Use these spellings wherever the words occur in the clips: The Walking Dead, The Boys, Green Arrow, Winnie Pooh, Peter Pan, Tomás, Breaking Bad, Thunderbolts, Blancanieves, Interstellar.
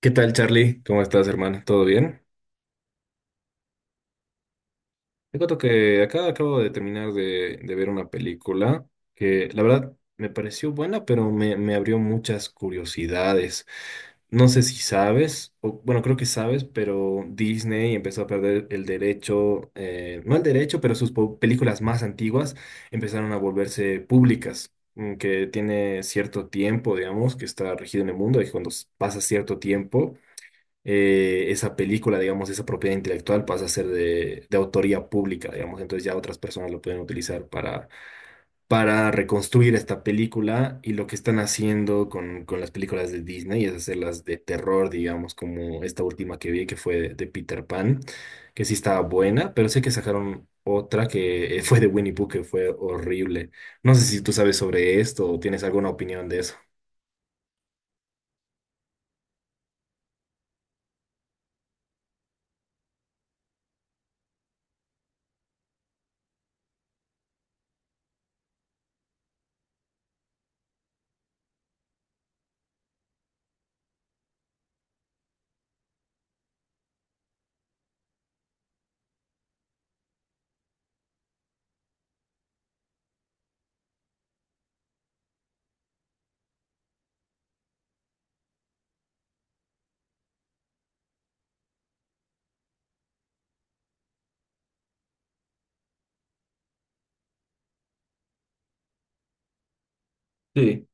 ¿Qué tal, Charlie? ¿Cómo estás, hermana? ¿Todo bien? Te cuento que acá acabo de terminar de ver una película que la verdad me pareció buena, pero me abrió muchas curiosidades. No sé si sabes, o bueno, creo que sabes, pero Disney empezó a perder el derecho, no el derecho, pero sus películas más antiguas empezaron a volverse públicas, que tiene cierto tiempo, digamos, que está regido en el mundo y cuando pasa cierto tiempo, esa película, digamos, esa propiedad intelectual pasa a ser de autoría pública, digamos, entonces ya otras personas lo pueden utilizar para reconstruir esta película y lo que están haciendo con las películas de Disney es hacerlas de terror, digamos, como esta última que vi que fue de Peter Pan, que sí estaba buena, pero sé que sacaron otra que fue de Winnie Pooh que fue horrible. No sé si tú sabes sobre esto o tienes alguna opinión de eso. Sí.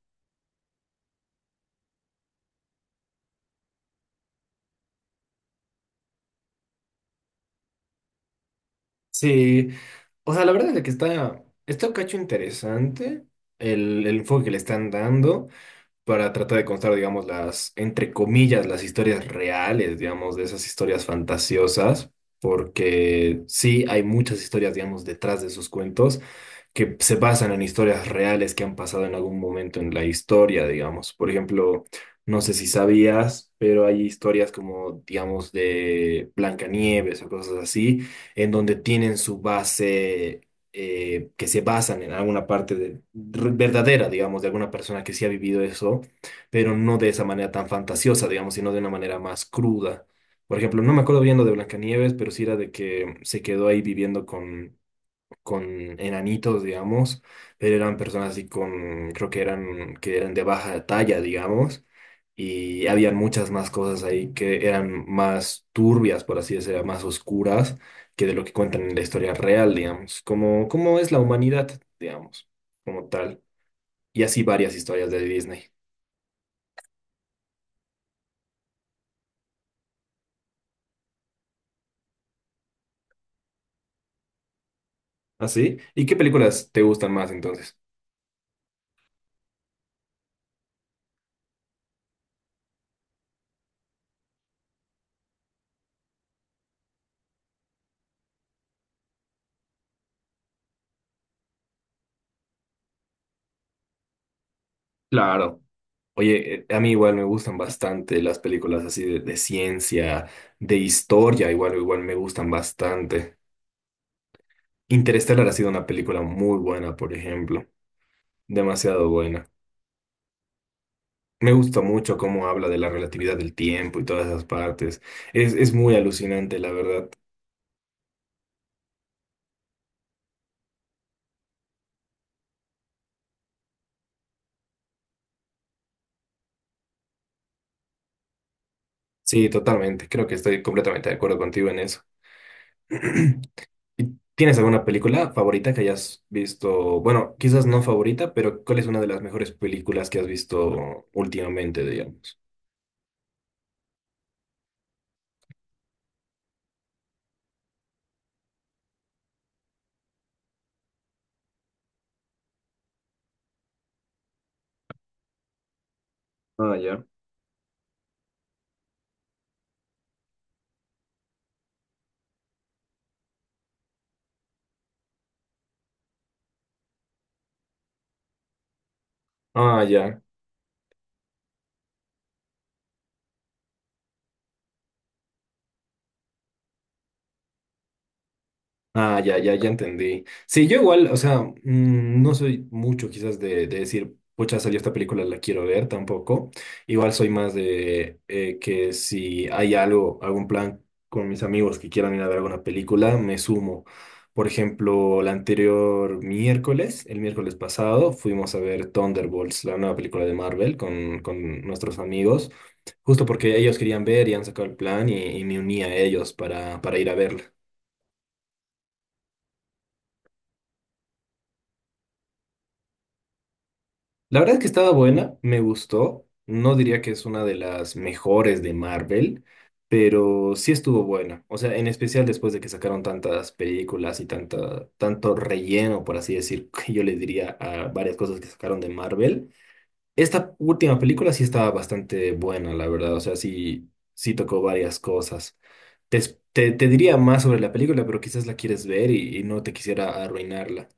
Sí, o sea, la verdad es que está, está un cacho interesante el enfoque que le están dando para tratar de contar, digamos, las, entre comillas, las historias reales, digamos, de esas historias fantasiosas, porque sí hay muchas historias, digamos, detrás de esos cuentos que se basan en historias reales que han pasado en algún momento en la historia, digamos. Por ejemplo, no sé si sabías, pero hay historias como, digamos, de Blancanieves o cosas así, en donde tienen su base, que se basan en alguna parte verdadera, digamos, de alguna persona que sí ha vivido eso, pero no de esa manera tan fantasiosa, digamos, sino de una manera más cruda. Por ejemplo, no me acuerdo bien lo de Blancanieves, pero sí era de que se quedó ahí viviendo con enanitos, digamos, pero eran personas así con, creo que eran de baja talla, digamos, y habían muchas más cosas ahí que eran más turbias, por así decirlo, más oscuras que de lo que cuentan en la historia real, digamos, como, como es la humanidad, digamos, como tal, y así varias historias de Disney. ¿Así? ¿Y qué películas te gustan más entonces? Claro. Oye, a mí igual me gustan bastante las películas así de ciencia, de historia, igual, igual me gustan bastante. Interestelar ha sido una película muy buena, por ejemplo, demasiado buena. Me gusta mucho cómo habla de la relatividad del tiempo y todas esas partes. Es muy alucinante, la verdad. Sí, totalmente. Creo que estoy completamente de acuerdo contigo en eso. ¿Tienes alguna película favorita que hayas visto? Bueno, quizás no favorita, pero ¿cuál es una de las mejores películas que has visto últimamente, digamos? Ah, ya. Ah, ya. Ah, ya, ya, ya entendí. Sí, yo igual, o sea, no soy mucho quizás de decir, pucha, salió esta película, la quiero ver tampoco. Igual soy más de que si hay algo, algún plan con mis amigos que quieran ir a ver alguna película, me sumo. Por ejemplo, el anterior miércoles, el miércoles pasado, fuimos a ver Thunderbolts, la nueva película de Marvel, con nuestros amigos, justo porque ellos querían ver y han sacado el plan y me uní a ellos para ir a verla. La verdad es que estaba buena, me gustó. No diría que es una de las mejores de Marvel, pero sí estuvo buena. O sea, en especial después de que sacaron tantas películas y tanta, tanto relleno, por así decir, que yo le diría a varias cosas que sacaron de Marvel. Esta última película sí estaba bastante buena, la verdad. O sea, sí, sí tocó varias cosas. Te diría más sobre la película, pero quizás la quieres ver y no te quisiera arruinarla.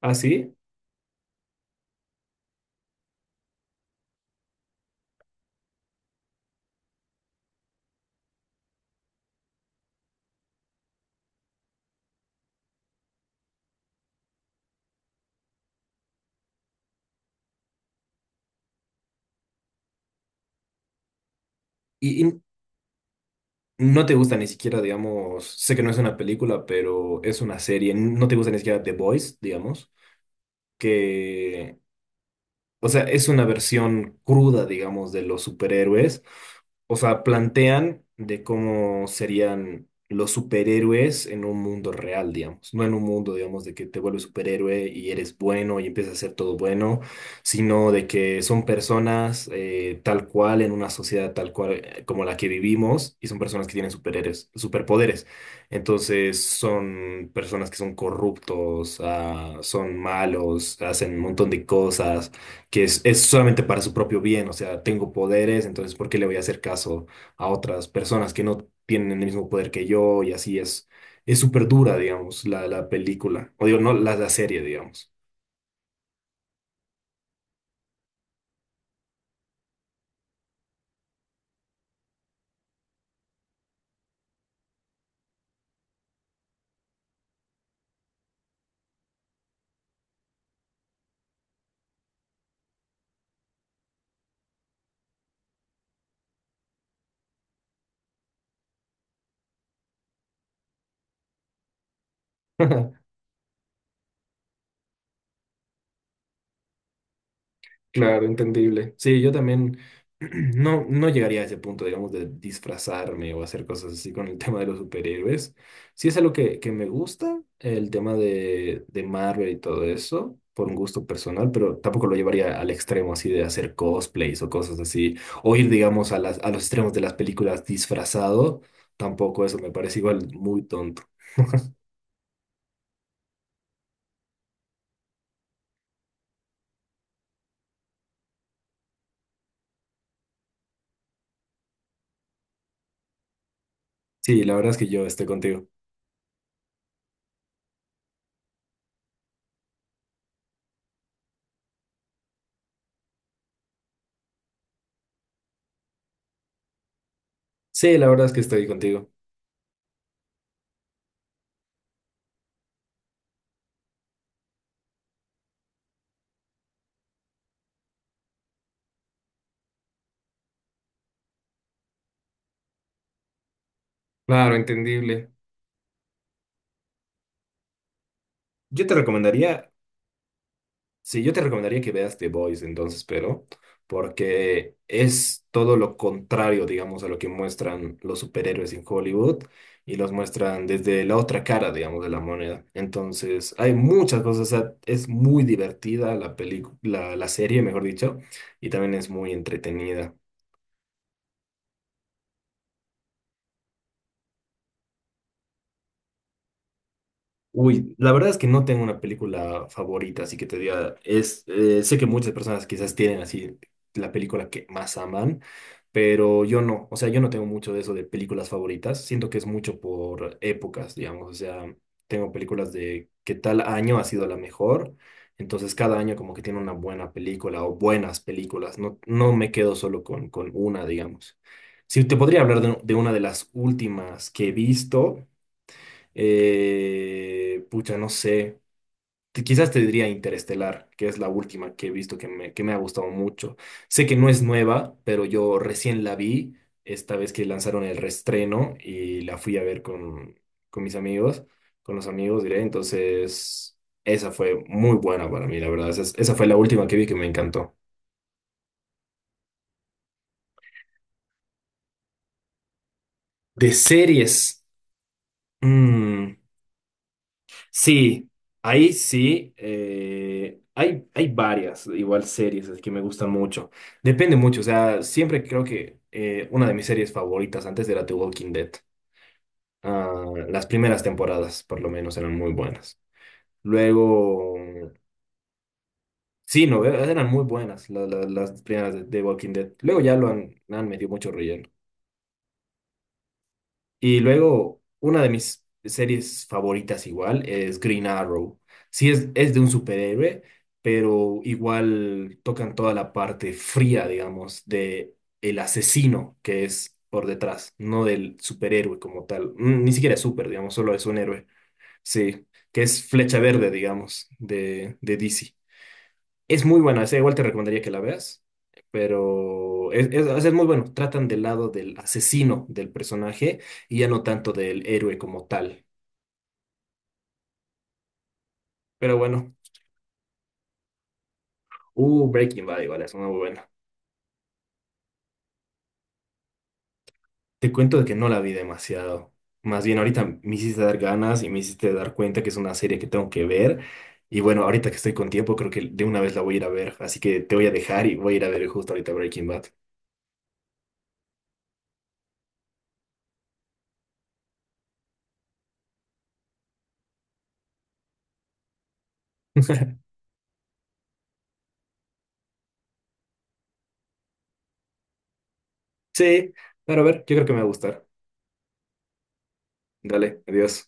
¿Ah, sí? ¿Y no te gusta ni siquiera, digamos, sé que no es una película, pero es una serie. No te gusta ni siquiera The Boys, digamos, que o sea, es una versión cruda, digamos, de los superhéroes. O sea, plantean de cómo serían los superhéroes en un mundo real, digamos. No en un mundo, digamos, de que te vuelves superhéroe y eres bueno y empiezas a hacer todo bueno, sino de que son personas tal cual, en una sociedad tal cual, como la que vivimos, y son personas que tienen superhéroes, superpoderes. Entonces, son personas que son corruptos, ah, son malos, hacen un montón de cosas que es solamente para su propio bien, o sea, tengo poderes, entonces ¿por qué le voy a hacer caso a otras personas que no tienen el mismo poder que yo? Y así es súper dura, digamos, la película, o digo, no, la serie, digamos. Claro, entendible. Sí, yo también no, no llegaría a ese punto, digamos, de disfrazarme o hacer cosas así con el tema de los superhéroes. Sí es algo que me gusta, el tema de Marvel y todo eso, por un gusto personal, pero tampoco lo llevaría al extremo así de hacer cosplays o cosas así, o ir, digamos, a las, a los extremos de las películas disfrazado, tampoco eso me parece igual muy tonto. Sí, la verdad es que yo estoy contigo. Sí, la verdad es que estoy contigo. Claro, entendible. Yo te recomendaría. Sí, yo te recomendaría que veas The Boys entonces, pero porque es todo lo contrario, digamos, a lo que muestran los superhéroes en Hollywood y los muestran desde la otra cara, digamos, de la moneda. Entonces, hay muchas cosas, o sea, es muy divertida la película, la serie, mejor dicho, y también es muy entretenida. Uy, la verdad es que no tengo una película favorita, así que te diga, es, sé que muchas personas quizás tienen así la película que más aman, pero yo no, o sea, yo no tengo mucho de eso de películas favoritas, siento que es mucho por épocas, digamos, o sea, tengo películas de qué tal año ha sido la mejor, entonces cada año como que tiene una buena película o buenas películas, no, no me quedo solo con una, digamos. Si te podría hablar de una de las últimas que he visto. Pucha, no sé. Quizás te diría Interestelar, que es la última que he visto que me ha gustado mucho. Sé que no es nueva, pero yo recién la vi esta vez que lanzaron el reestreno y la fui a ver con mis amigos, con los amigos, diré. Entonces, esa fue muy buena para mí, la verdad. Esa fue la última que vi que me encantó. De series. mm, Sí, ahí sí. Hay, hay varias, igual series así que me gustan mucho. Depende mucho, o sea, siempre creo que una de mis series favoritas antes era The Walking Dead. Ah, las primeras temporadas, por lo menos, eran muy buenas. Luego, sí, no, eran muy buenas las primeras de Walking Dead. Luego ya lo han, han metido mucho relleno. Y luego, una de mis series favoritas igual es Green Arrow. Sí, es de un superhéroe, pero igual tocan toda la parte fría, digamos, de el asesino que es por detrás, no del superhéroe como tal. Ni siquiera es super, digamos, solo es un héroe. Sí, que es Flecha Verde, digamos, de DC. Es muy buena, esa igual te recomendaría que la veas, pero es, o sea, es muy bueno. Tratan del lado del asesino del personaje y ya no tanto del héroe como tal. Pero bueno, Breaking Bad igual es una muy buena. Te cuento de que no la vi demasiado. Más bien ahorita me hiciste dar ganas y me hiciste dar cuenta que es una serie que tengo que ver. Y bueno, ahorita que estoy con tiempo, creo que de una vez la voy a ir a ver. Así que te voy a dejar y voy a ir a ver justo ahorita Breaking Bad. Sí, pero a ver, yo creo que me va a gustar. Dale, adiós.